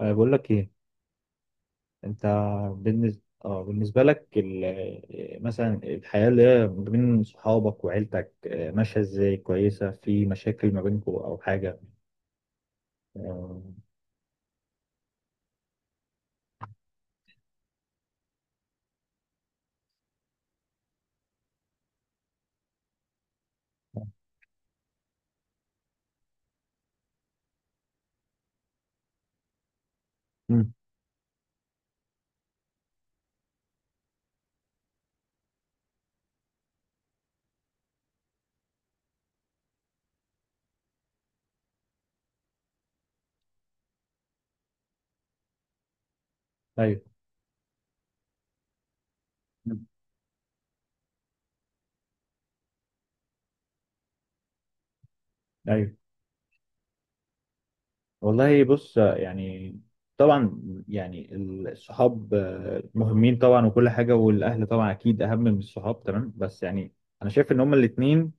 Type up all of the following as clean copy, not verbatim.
بقول لك ايه انت؟ بالنسبه لك، مثلا الحياه اللي هي ما بين صحابك وعيلتك ماشيه ازاي؟ كويسه، في مشاكل ما بينكم او حاجه؟ آه. مم. ايوه. مم. ايوه. والله بص. يعني طبعا، يعني الصحاب مهمين طبعا وكل حاجه، والاهل طبعا اكيد اهم من الصحاب، تمام. بس يعني انا شايف ان هما الاثنين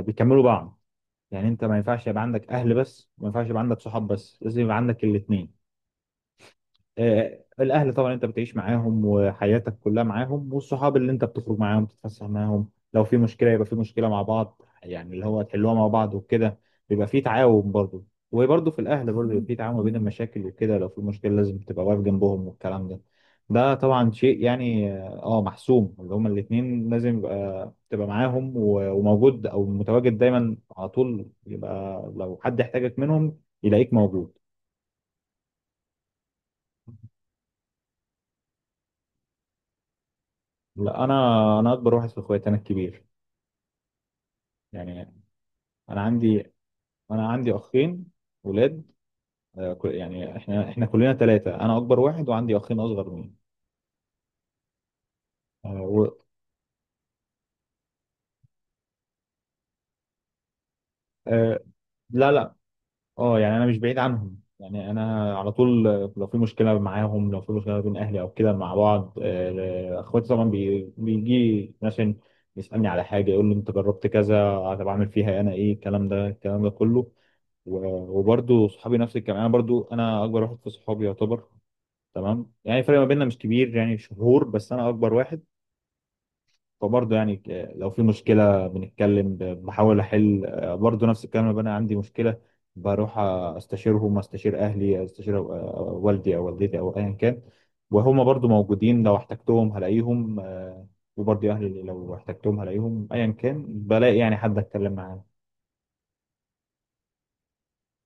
بيكملوا بعض. يعني انت ما ينفعش يبقى عندك اهل بس، وما ينفعش يبقى عندك صحاب بس، لازم يبقى عندك الاثنين. الاهل طبعا انت بتعيش معاهم، وحياتك كلها معاهم، والصحاب اللي انت بتخرج معاهم تتفسح معاهم، لو في مشكله يبقى في مشكله مع بعض، يعني اللي هو تحلوها مع بعض وكده. بيبقى في تعاون برضه. وبرضه في الاهل برضه بيبقى في تعاون ما بين المشاكل وكده، لو في مشكله لازم تبقى واقف جنبهم والكلام ده. ده طبعا شيء يعني محسوم، اللي هما الاثنين لازم يبقى تبقى معاهم و- وموجود او متواجد دايما على طول، يبقى لو حد احتاجك منهم يلاقيك موجود. لا، انا اكبر واحد في اخواتي، انا الكبير. يعني انا عندي انا عندي اخين ولاد. يعني احنا كلنا ثلاثه، انا اكبر واحد وعندي اخين اصغر مني. آه، و... آه، لا، لا. اه، يعني انا مش بعيد عنهم، يعني انا على طول لو في مشكله معاهم، لو في مشكله بين اهلي او كده مع بعض، اخواتي طبعا بيجي مثلا يسالني على حاجه، يقول لي انت جربت كذا، طب اعمل فيها انا ايه، الكلام ده كله. و- وبرضه صحابي نفس الكلام، انا برضه انا اكبر واحد في صحابي يعتبر. تمام، يعني الفرق ما بيننا مش كبير، يعني شهور بس انا اكبر واحد. فبرضه يعني، لو في مشكله بنتكلم، بحاول احل، برضه نفس الكلام لما انا عندي مشكله، بروح استشيرهم، استشير اهلي، استشير والدي او والدتي او ايا كان. وهما برضه موجودين، لو احتجتهم هلاقيهم. وبرضه اهلي لو احتجتهم هلاقيهم، ايا كان بلاقي يعني حد اتكلم معاه.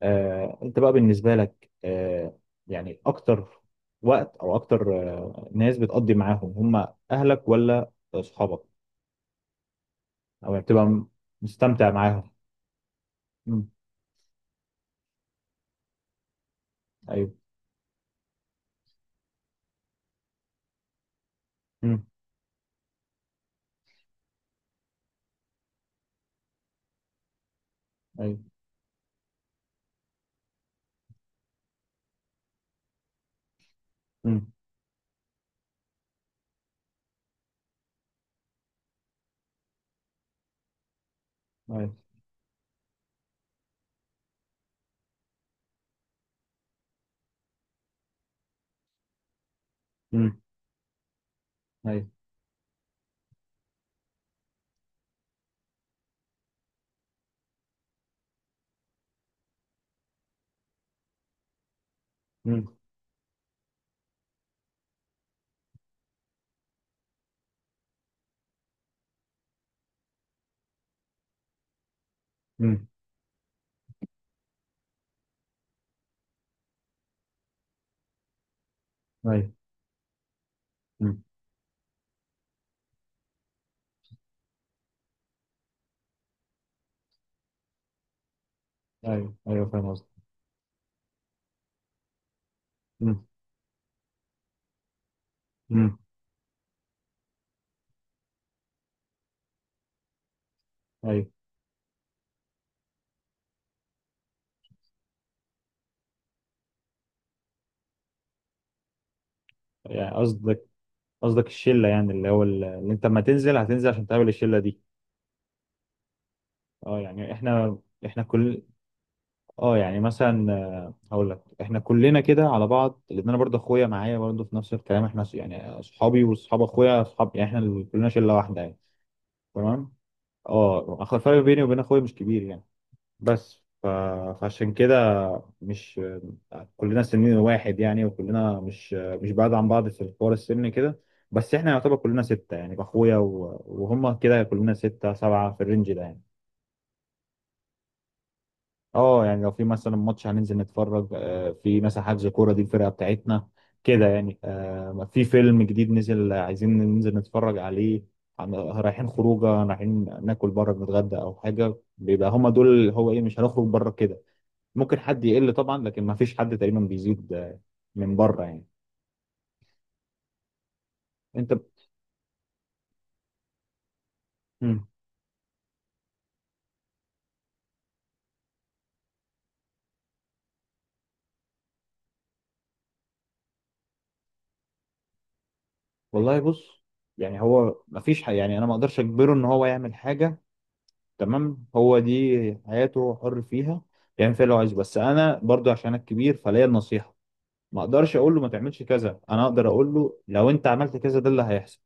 انت بقى بالنسبة لك يعني، اكتر وقت او اكتر ناس بتقضي معاهم هم اهلك ولا اصحابك؟ او يعني بتبقى مستمتع معاهم؟ مم. ايوه. مم. ايوه. مم. ايوه. مم. ايوه. مم. مم. ايوه. مم. ايوه. ايوه، فاهم قصدك. مم. مم. ايوه. يعني قصدك الشلة، يعني اللي هو اللي انت لما تنزل هتنزل عشان تقابل الشلة دي. اه، يعني احنا احنا كل اه يعني مثلا هقول لك احنا كلنا كده على بعض، لان انا برضه اخويا معايا برضه في نفس الكلام، احنا يعني اصحابي واصحاب اخويا اصحاب، يعني احنا اللي كلنا شله واحده يعني. تمام. اه اخر الفرق بيني وبين اخويا مش كبير يعني، بس. فعشان كده مش كلنا سنين واحد يعني، وكلنا مش بعاد عن بعض في حوار السن كده، بس احنا يعتبر كلنا سته، يعني اخويا و... وهم كده كلنا سته سبعه في الرينج ده يعني. اه، يعني لو في مثلا ماتش هننزل نتفرج، في مثلا حجز كوره دي الفرقه بتاعتنا كده يعني، في فيلم جديد نزل، عايزين ننزل نتفرج عليه، رايحين خروجه، رايحين ناكل بره نتغدى او حاجه، بيبقى هما دول اللي هو ايه، مش هنخرج بره كده. ممكن حد يقل طبعا، لكن ما فيش حد تقريبا بيزيد من بره يعني. انت. مم. والله بص، يعني هو ما فيش يعني انا ما اقدرش اجبره ان هو يعمل حاجه. تمام، هو دي حياته، حر فيها، يعمل فيها اللي هو عايزه، بس انا برضو عشان انا الكبير فليا النصيحه. ما اقدرش اقول له ما تعملش كذا، انا اقدر اقول له لو انت عملت كذا ده اللي هيحصل.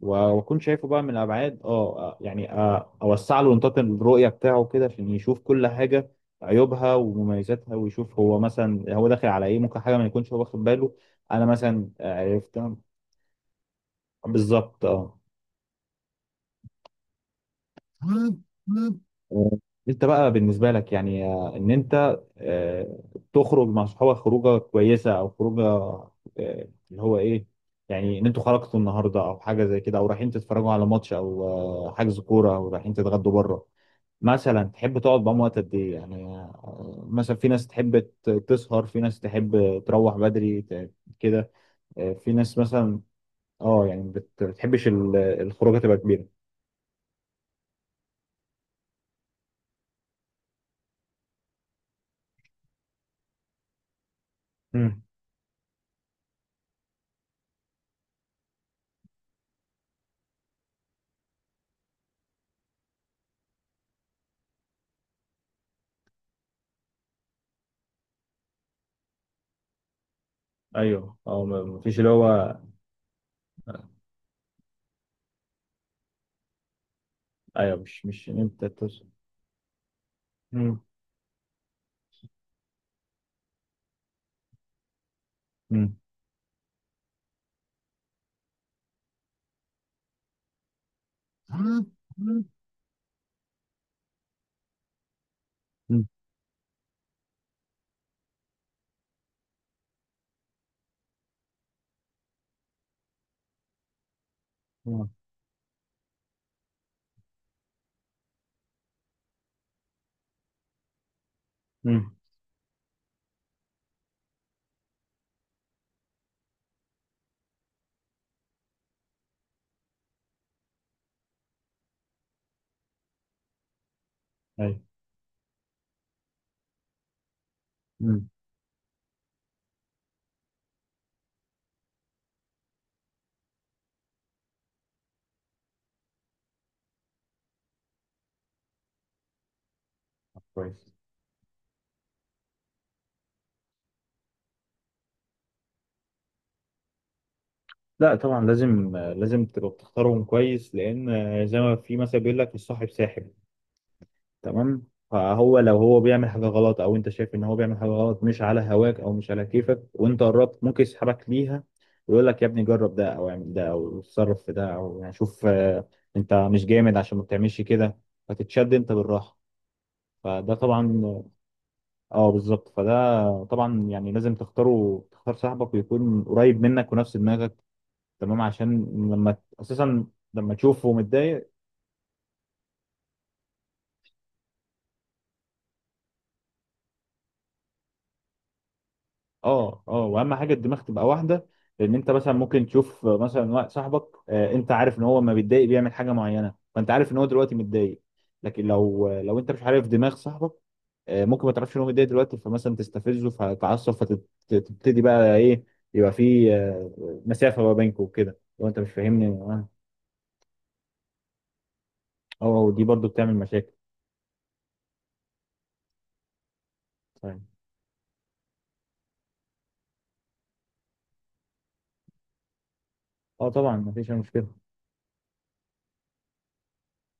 و- واكون شايفه بقى من الابعاد يعني اوسع له نطاق الرؤيه بتاعه كده عشان يشوف كل حاجه، عيوبها ومميزاتها، ويشوف هو مثلا هو داخل على ايه، ممكن حاجه ما يكونش هو واخد باله، انا مثلا عرفتها. بالظبط. اه آه، انت بقى بالنسبه لك يعني ان انت تخرج مع صحابك خروجه كويسه او خروجه اللي هو ايه، يعني ان انتوا خرجتوا النهارده او حاجه زي كده، او رايحين تتفرجوا على ماتش او حجز كوره، او رايحين تتغدوا بره مثلا، تحب تقعد معاهم وقت قد ايه؟ يعني مثلا في ناس تحب تسهر، في ناس تحب تروح بدري كده، في ناس مثلا. اه، يعني بتحبش الخروجه تبقى كبيره. ايوه. اه، مفيش اللي هو. ايوه، مش إن انت توصل. مم. مم. مم. مم. مم. ايوه. مم. كويس. لا، طبعا لازم تبقى بتختارهم كويس، لان زي ما في مثل بيقول لك، الصاحب ساحب. تمام، فهو لو هو بيعمل حاجة غلط، أو أنت شايف إن هو بيعمل حاجة غلط مش على هواك أو مش على كيفك، وأنت قربت ممكن يسحبك ليها، ويقول لك يا ابني، جرب ده أو اعمل ده أو اتصرف في ده، أو يعني شوف أنت مش جامد عشان ما بتعملش كده، فتتشد أنت بالراحة، فده طبعا. اه بالظبط، فده طبعا يعني لازم تختار صاحبك، ويكون قريب منك ونفس دماغك، تمام، عشان لما اساسا لما تشوفه متضايق. اه، اه، واهم حاجه الدماغ تبقى واحده. لان انت مثلا ممكن تشوف مثلا واحد صاحبك، انت عارف ان هو لما بيتضايق بيعمل حاجه معينه، فانت عارف ان هو دلوقتي متضايق. لكن لو انت مش عارف دماغ صاحبك، ممكن ما تعرفش ان هو متضايق دلوقتي، فمثلا تستفزه فتتعصب فتبتدي بقى ايه، يبقى في مسافه ما بينكم وكده، لو انت مش فاهمني. اه. ودي برضو بتعمل مشاكل. طيب. اه، طبعا مفيش أي مشكله.